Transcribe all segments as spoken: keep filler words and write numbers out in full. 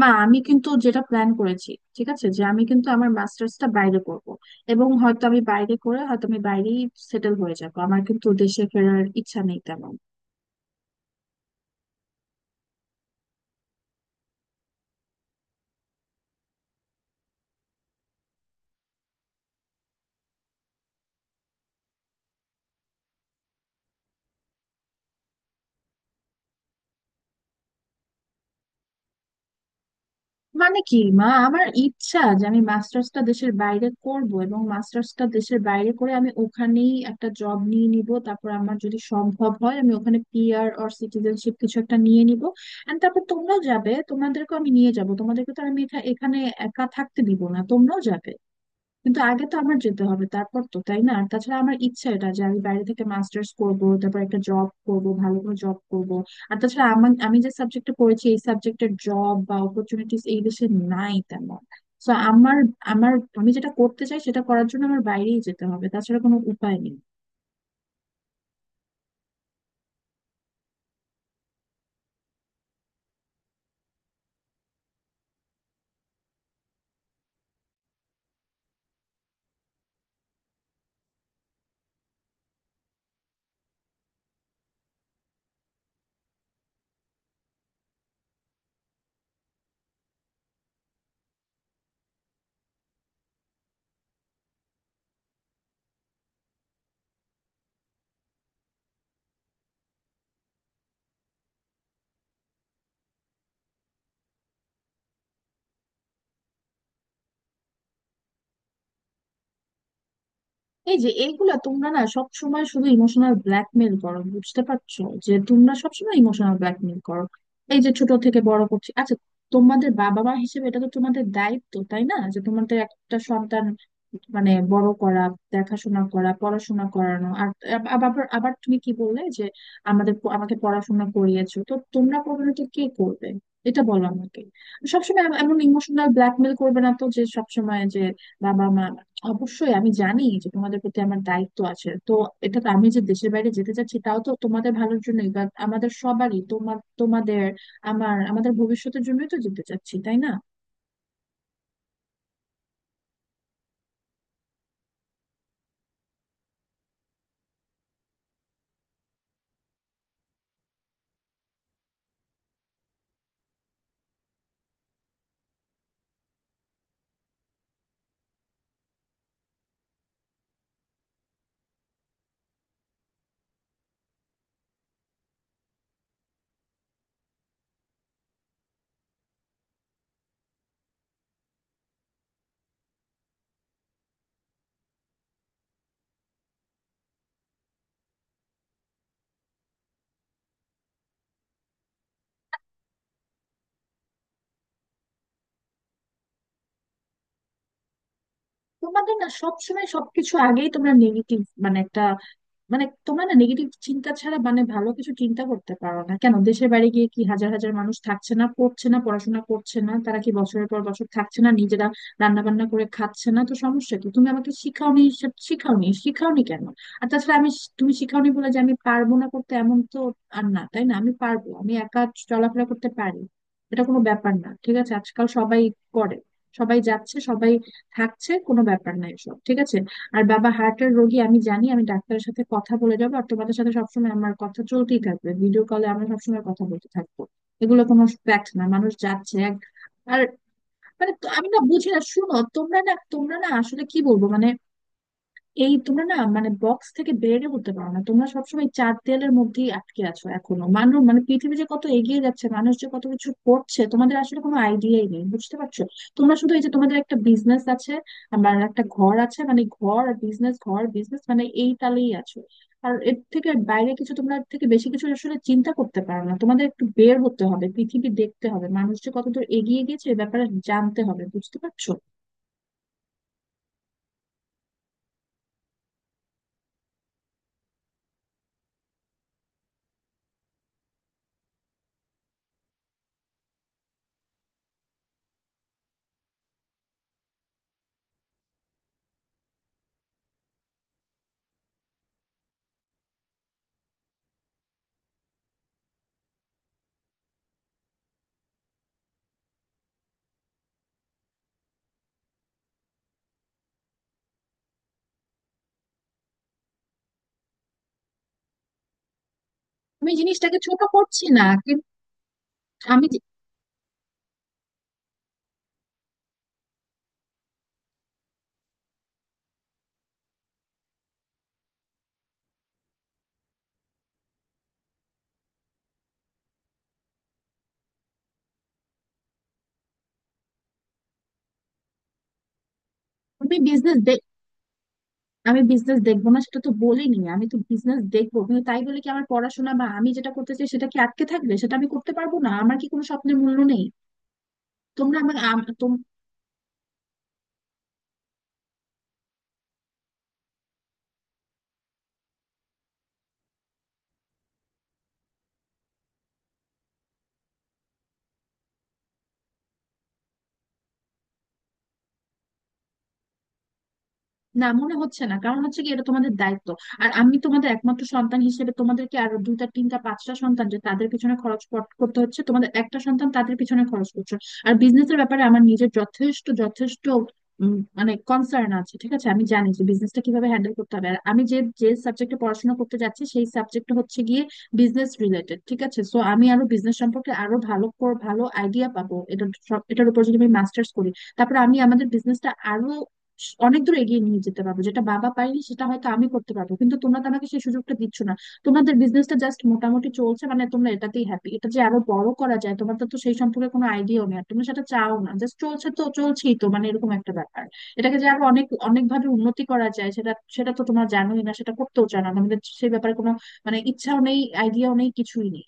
মা, আমি কিন্তু যেটা প্ল্যান করেছি, ঠিক আছে, যে আমি কিন্তু আমার মাস্টার্সটা বাইরে করব এবং হয়তো আমি বাইরে করে হয়তো আমি বাইরেই সেটেল হয়ে যাব। আমার কিন্তু দেশে ফেরার ইচ্ছা নেই তেমন। মানে কি মা, আমার ইচ্ছা যে আমি মাস্টার্সটা দেশের বাইরে করব এবং মাস্টার্সটা দেশের বাইরে করে আমি ওখানেই একটা জব নিয়ে নিব, তারপর আমার যদি সম্ভব হয় আমি ওখানে পিআর অর সিটিজেনশিপ কিছু একটা নিয়ে নিব। এন্ড তারপর তোমরাও যাবে, তোমাদেরকেও আমি নিয়ে যাব, তোমাদেরকে তো আর আমি এখা- এখানে একা থাকতে দিব না, তোমরাও যাবে। কিন্তু আগে তো আমার যেতে হবে তারপর তো, তাই না? আর তাছাড়া আমার ইচ্ছা এটা যে আমি বাইরে থেকে মাস্টার্স করব, তারপর একটা জব করব, ভালো করে জব করব। আর তাছাড়া আমার, আমি যে সাবজেক্টে পড়েছি এই সাবজেক্টের জব বা অপরচুনিটিস এই দেশে নাই তেমন। তো আমার, আমার, আমি যেটা করতে চাই সেটা করার জন্য আমার বাইরেই যেতে হবে, তাছাড়া কোনো উপায় নেই। এই যে এইগুলা তোমরা না সব সময় শুধু ইমোশনাল ব্ল্যাকমেল করো, বুঝতে পারছো? যে তোমরা সবসময় ইমোশনাল ব্ল্যাকমেল করো। এই যে ছোট থেকে বড় করছি, আচ্ছা, তোমাদের বাবা মা হিসেবে এটা তো তোমাদের দায়িত্ব, তাই না? যে তোমাদের একটা সন্তান, মানে, বড় করা, দেখাশোনা করা, পড়াশোনা করানো। আর আব- আব- আবার আবার তুমি কি বললে যে আমাদের প- আমাকে পড়াশোনা করিয়েছো তো তোমরা, করবে না তো কে করবে? এটা বলো আমাকে। সবসময় এম- এমন ইমোশনাল ব্ল্যাকমেল করবে না তো যে সবসময় যে বাবা মা। অবশ্যই আমি জানি যে তোমাদের প্রতি আমার দায়িত্ব আছে, তো এটা তো, আমি যে দেশের বাইরে যেতে চাচ্ছি তাও তো তোমাদের ভালোর জন্যই বা আমাদের সবারই, তোমার তোমাদের আমার আমাদের ভবিষ্যতের জন্যই তো যেতে চাচ্ছি, তাই না? তোমাদের না সবসময় সবকিছু আগেই তোমরা নেগেটিভ, মানে একটা, মানে তোমরা না নেগেটিভ চিন্তা ছাড়া, মানে, ভালো কিছু চিন্তা করতে পারো না কেন? দেশের বাইরে গিয়ে কি হাজার হাজার মানুষ থাকছে না? পড়ছে না? পড়াশোনা করছে না? তারা কি বছরের পর বছর থাকছে না, নিজেরা রান্না বান্না করে খাচ্ছে না? তো সমস্যা কি? তুমি আমাকে শিখাওনি, সে- শিখাওনি শিখাওনি কেন? আর তাছাড়া আমি শ- তুমি শিখাওনি বলে যে আমি পারবো না করতে এমন তো আর না, তাই না? আমি পারবো, আমি একা চলাফেরা করতে পারি। এটা কোনো ব্যাপার না, ঠিক আছে? আজকাল সবাই করে, সবাই যাচ্ছে, সবাই থাকছে, কোনো ব্যাপার না এসব, ঠিক আছে? আর বাবা হার্টের রোগী আমি জানি, আমি ডাক্তারের সাথে কথা বলে যাবো, আর তোমাদের সাথে সবসময় আমার কথা চলতেই থাকবে, ভিডিও কলে আমরা সবসময় কথা বলতে থাকবো। এগুলো কোনো ফ্যাক্ট না, মানুষ যাচ্ছে এক- আর, মানে তো- আমি না বুঝি না, শুনো, তোমরা না, তোমরা না, আসলে কি বলবো, মানে, এই তোমরা না, মানে, বক্স থেকে বেরে উঠতে পারো না, তোমরা সবসময় চার দেয়ালের মধ্যেই আটকে আছো এখনো। মানুষ, মানে, পৃথিবী যে কত এগিয়ে যাচ্ছে, মানুষ যে কত কিছু করছে, তোমাদের আসলে কোনো আইডিয়াই নেই, বুঝতে পারছো? তোমরা শুধু এই যে তোমাদের একটা বিজনেস আছে, আমার একটা ঘর আছে, মানে, ঘর আর বিজনেস, ঘর বিজনেস, মানে এই তালেই আছো। আর এর থেকে বাইরে কিছু, তোমরা এর থেকে বেশি কিছু আসলে চিন্তা করতে পারো না। তোমাদের একটু বের হতে হবে, পৃথিবী দেখতে হবে, মানুষ যে কতদূর এগিয়ে গেছে এ ব্যাপারে জানতে হবে, বুঝতে পারছো? আমি জিনিসটাকে ছোট করছি না, কিন্তু আমি আমি বিজনেস দেখ, আমি বিজনেস দেখবো না সেটা তো বলিনি, আমি তো বিজনেস দেখবো, কিন্তু তাই বলে কি আমার পড়াশোনা বা আমি যেটা করতে চাই সেটা কি আটকে থাকবে? সেটা আমি করতে পারবো না? আমার কি কোনো স্বপ্নের মূল্য নেই? তোমরা আমাকে। না, মনে হচ্ছে না, কারণ হচ্ছে কি, এটা তোমাদের দায়িত্ব। আর আমি তোমাদের একমাত্র সন্তান হিসেবে, তোমাদেরকে আরো দুইটা তিনটা পাঁচটা সন্তান যে তাদের পিছনে খরচ কর- করতে হচ্ছে, তোমাদের একটা সন্তান, তাদের পিছনে খরচ করছো। আর বিজনেসের ব্যাপারে আমার নিজের যথেষ্ট যথেষ্ট উম, মানে কনসার্ন আছে, ঠিক আছে? আমি জানি যে বিজনেসটা কিভাবে হ্যান্ডেল করতে হবে, আর আমি যে যে সাবজেক্টে পড়াশোনা করতে যাচ্ছি সেই সাবজেক্ট হচ্ছে গিয়ে বিজনেস রিলেটেড, ঠিক আছে? সো আমি আরো বিজনেস সম্পর্কে আরো ভালো কর- ভালো আইডিয়া পাবো এটা, সব- এটার উপর যদি আমি মাস্টার্স করি। তারপর আমি আমাদের বিজনেসটা আরো অনেক দূর এগিয়ে নিয়ে যেতে পারবো, যেটা বাবা পারেনি সেটা হয়তো আমি করতে পারবো, কিন্তু তোমরা তো আমাকে সেই সুযোগটা দিচ্ছ না। তোমাদের বিজনেসটা জাস্ট মোটামুটি চলছে, মানে তোমরা এটাতেই হ্যাপি। এটা যে আরো বড় করা যায় তোমার তো তো সেই সম্পর্কে কোনো আইডিয়াও নেই, আর তোমরা সেটা চাও না, জাস্ট চলছে তো চলছেই, তো মানে এরকম একটা ব্যাপার। এটাকে যে আরো অনেক অনেক ভাবে উন্নতি করা যায় সেটা সেটা তো তোমরা জানোই না, সেটা করতেও জানো না, আমাদের সেই ব্যাপারে কোনো, মানে, ইচ্ছাও নেই, আইডিয়াও নেই, কিছুই নেই।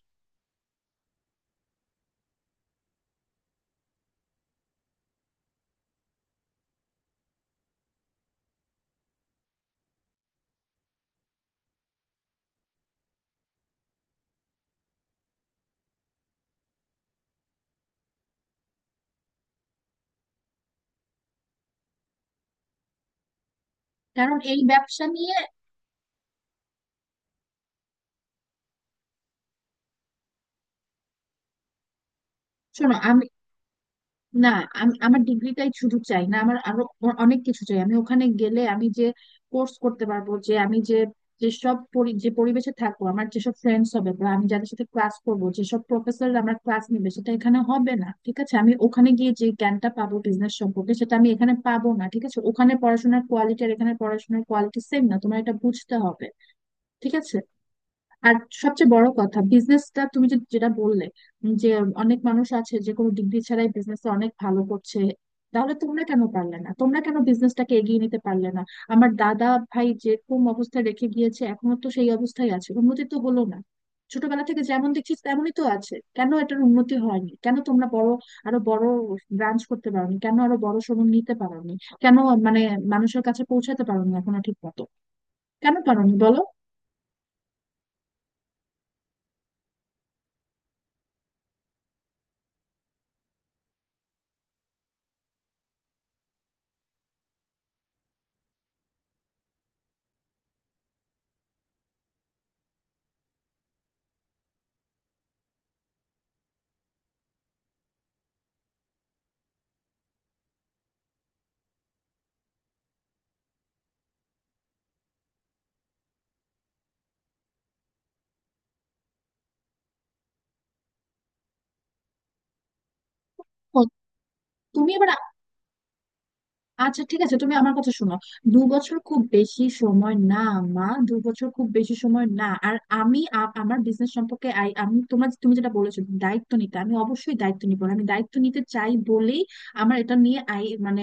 কারণ এই ব্যবসা নিয়ে শোনো, আমি, না, আমি আমার ডিগ্রিটাই শুধু চাই না, আমার আরো অ- অনেক কিছু চাই। আমি ওখানে গেলে আমি যে কোর্স করতে পারবো, যে আমি যে যেসব পরি- যে পরিবেশে থাকবো, আমার যেসব ফ্রেন্ডস হবে, বা আমি যাদের সাথে ক্লাস করবো, যেসব প্রফেসর আমার ক্লাস নেবে, সেটা এখানে হবে না, ঠিক আছে? আমি ওখানে গিয়ে যে জ্ঞানটা পাবো বিজনেস সম্পর্কে সেটা আমি এখানে পাবো না, ঠিক আছে? ওখানে পড়াশোনার কোয়ালিটি আর এখানে পড়াশোনার কোয়ালিটি সেম না, তোমার এটা বুঝতে হবে, ঠিক আছে? আর সবচেয়ে বড় কথা, বিজনেসটা তুমি যে- যেটা বললে যে অনেক মানুষ আছে যে কোনো ডিগ্রি ছাড়াই বিজনেসে অনেক ভালো করছে, তাহলে তোমরা কেন পারলে না? তোমরা কেন বিজনেসটাকে এগিয়ে নিতে পারলে না? আমার দাদা ভাই যেরকম অবস্থায় রেখে গিয়েছে এখনো তো সেই অবস্থায় আছে, উন্নতি তো হলো না। ছোটবেলা থেকে যেমন দেখছি তেমনই তো আছে, কেন এটার উন্নতি হয়নি? কেন তোমরা বড়, আরো বড় ব্রাঞ্চ করতে পারোনি? কেন আরো বড় শোরুম নিতে পারোনি? কেন, মানে, মানুষের কাছে পৌঁছাতে পারোনি এখনো ঠিক মতো? কেন পারোনি বলো? ও, তুমি এবার, আচ্ছা ঠিক আছে, তুমি আমার কথা শোনো। দু বছর খুব বেশি সময় না, মা, দু বছর খুব বেশি সময় না। আর আমি, আ- আমার বিজনেস সম্পর্কে, আই- আমি তোমার, তুমি যেটা বলেছো দায়িত্ব নিতে, আমি অবশ্যই দায়িত্ব নিবো, আমি দায়িত্ব নিতে চাই বলেই আমার এটা নিয়ে, আই মানে,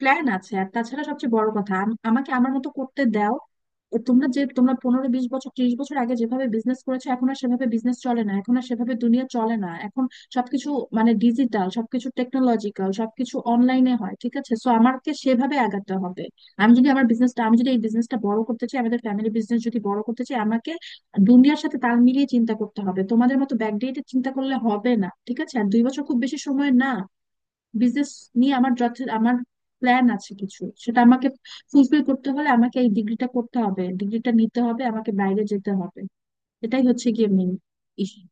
প্ল্যান আছে। আর তাছাড়া সবচেয়ে বড় কথা, আম- আমাকে আমার মতো করতে দাও। তোমরা যে তোমরা পনেরো বিশ বছর ত্রিশ বছর আগে যেভাবে বিজনেস করেছো এখন আর সেভাবে বিজনেস চলে না, এখন আর সেভাবে দুনিয়া চলে না। এখন সবকিছু, মানে, ডিজিটাল সবকিছু, টেকনোলজিক্যাল সবকিছু অনলাইনে হয়, ঠিক আছে? সো আমাকে সেভাবে আগাতে হবে। আমি যদি আমার বিজনেসটা, আমি যদি এই বিজনেসটা বড় করতে চাই, আমাদের ফ্যামিলি বিজনেস যদি বড় করতে চাই, আমাকে দুনিয়ার সাথে তাল মিলিয়ে চিন্তা করতে হবে, তোমাদের মতো ব্যাকডেটে চিন্তা করলে হবে না, ঠিক আছে? আর দুই বছর খুব বেশি সময় না। বিজনেস নিয়ে আমার যথে, আমার প্ল্যান আছে কিছু, সেটা আমাকে ফুলফিল করতে হলে আমাকে এই ডিগ্রিটা করতে হবে, ডিগ্রিটা নিতে হবে, আমাকে বাইরে যেতে হবে। এটাই হচ্ছে গিয়ে মেন ইস্যু।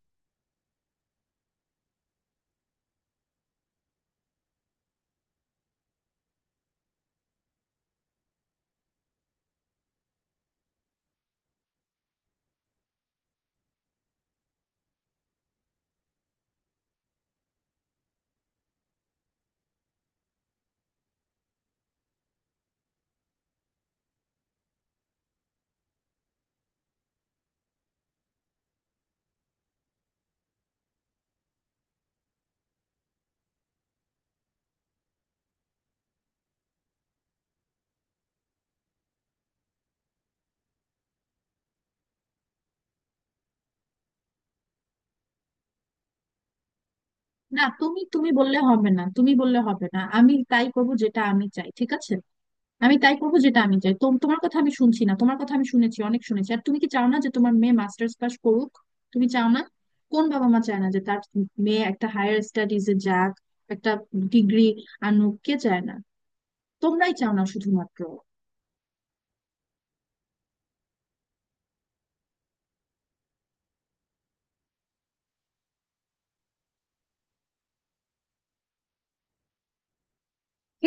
না, তুমি, তুমি বললে হবে না, তুমি বললে হবে না, আমি তাই করব যেটা আমি চাই, ঠিক আছে? আমি তাই করব যেটা আমি চাই, তোম- তোমার কথা আমি শুনছি না, তোমার কথা আমি শুনেছি, অনেক শুনেছি। আর তুমি কি চাও না যে তোমার মেয়ে মাস্টার্স পাস করুক? তুমি চাও না? কোন বাবা মা চায় না যে তার মেয়ে একটা হায়ার স্টাডিজে যাক, একটা ডিগ্রি আনুক? কে চায় না? তোমরাই চাও না শুধুমাত্র।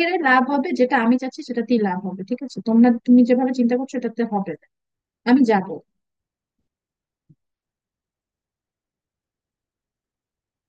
এর লাভ হবে, যেটা আমি চাচ্ছি সেটাতেই লাভ হবে, ঠিক আছে? তোমরা, তুমি যেভাবে চিন্তা করছো এটাতে হবে না। আমি যাব।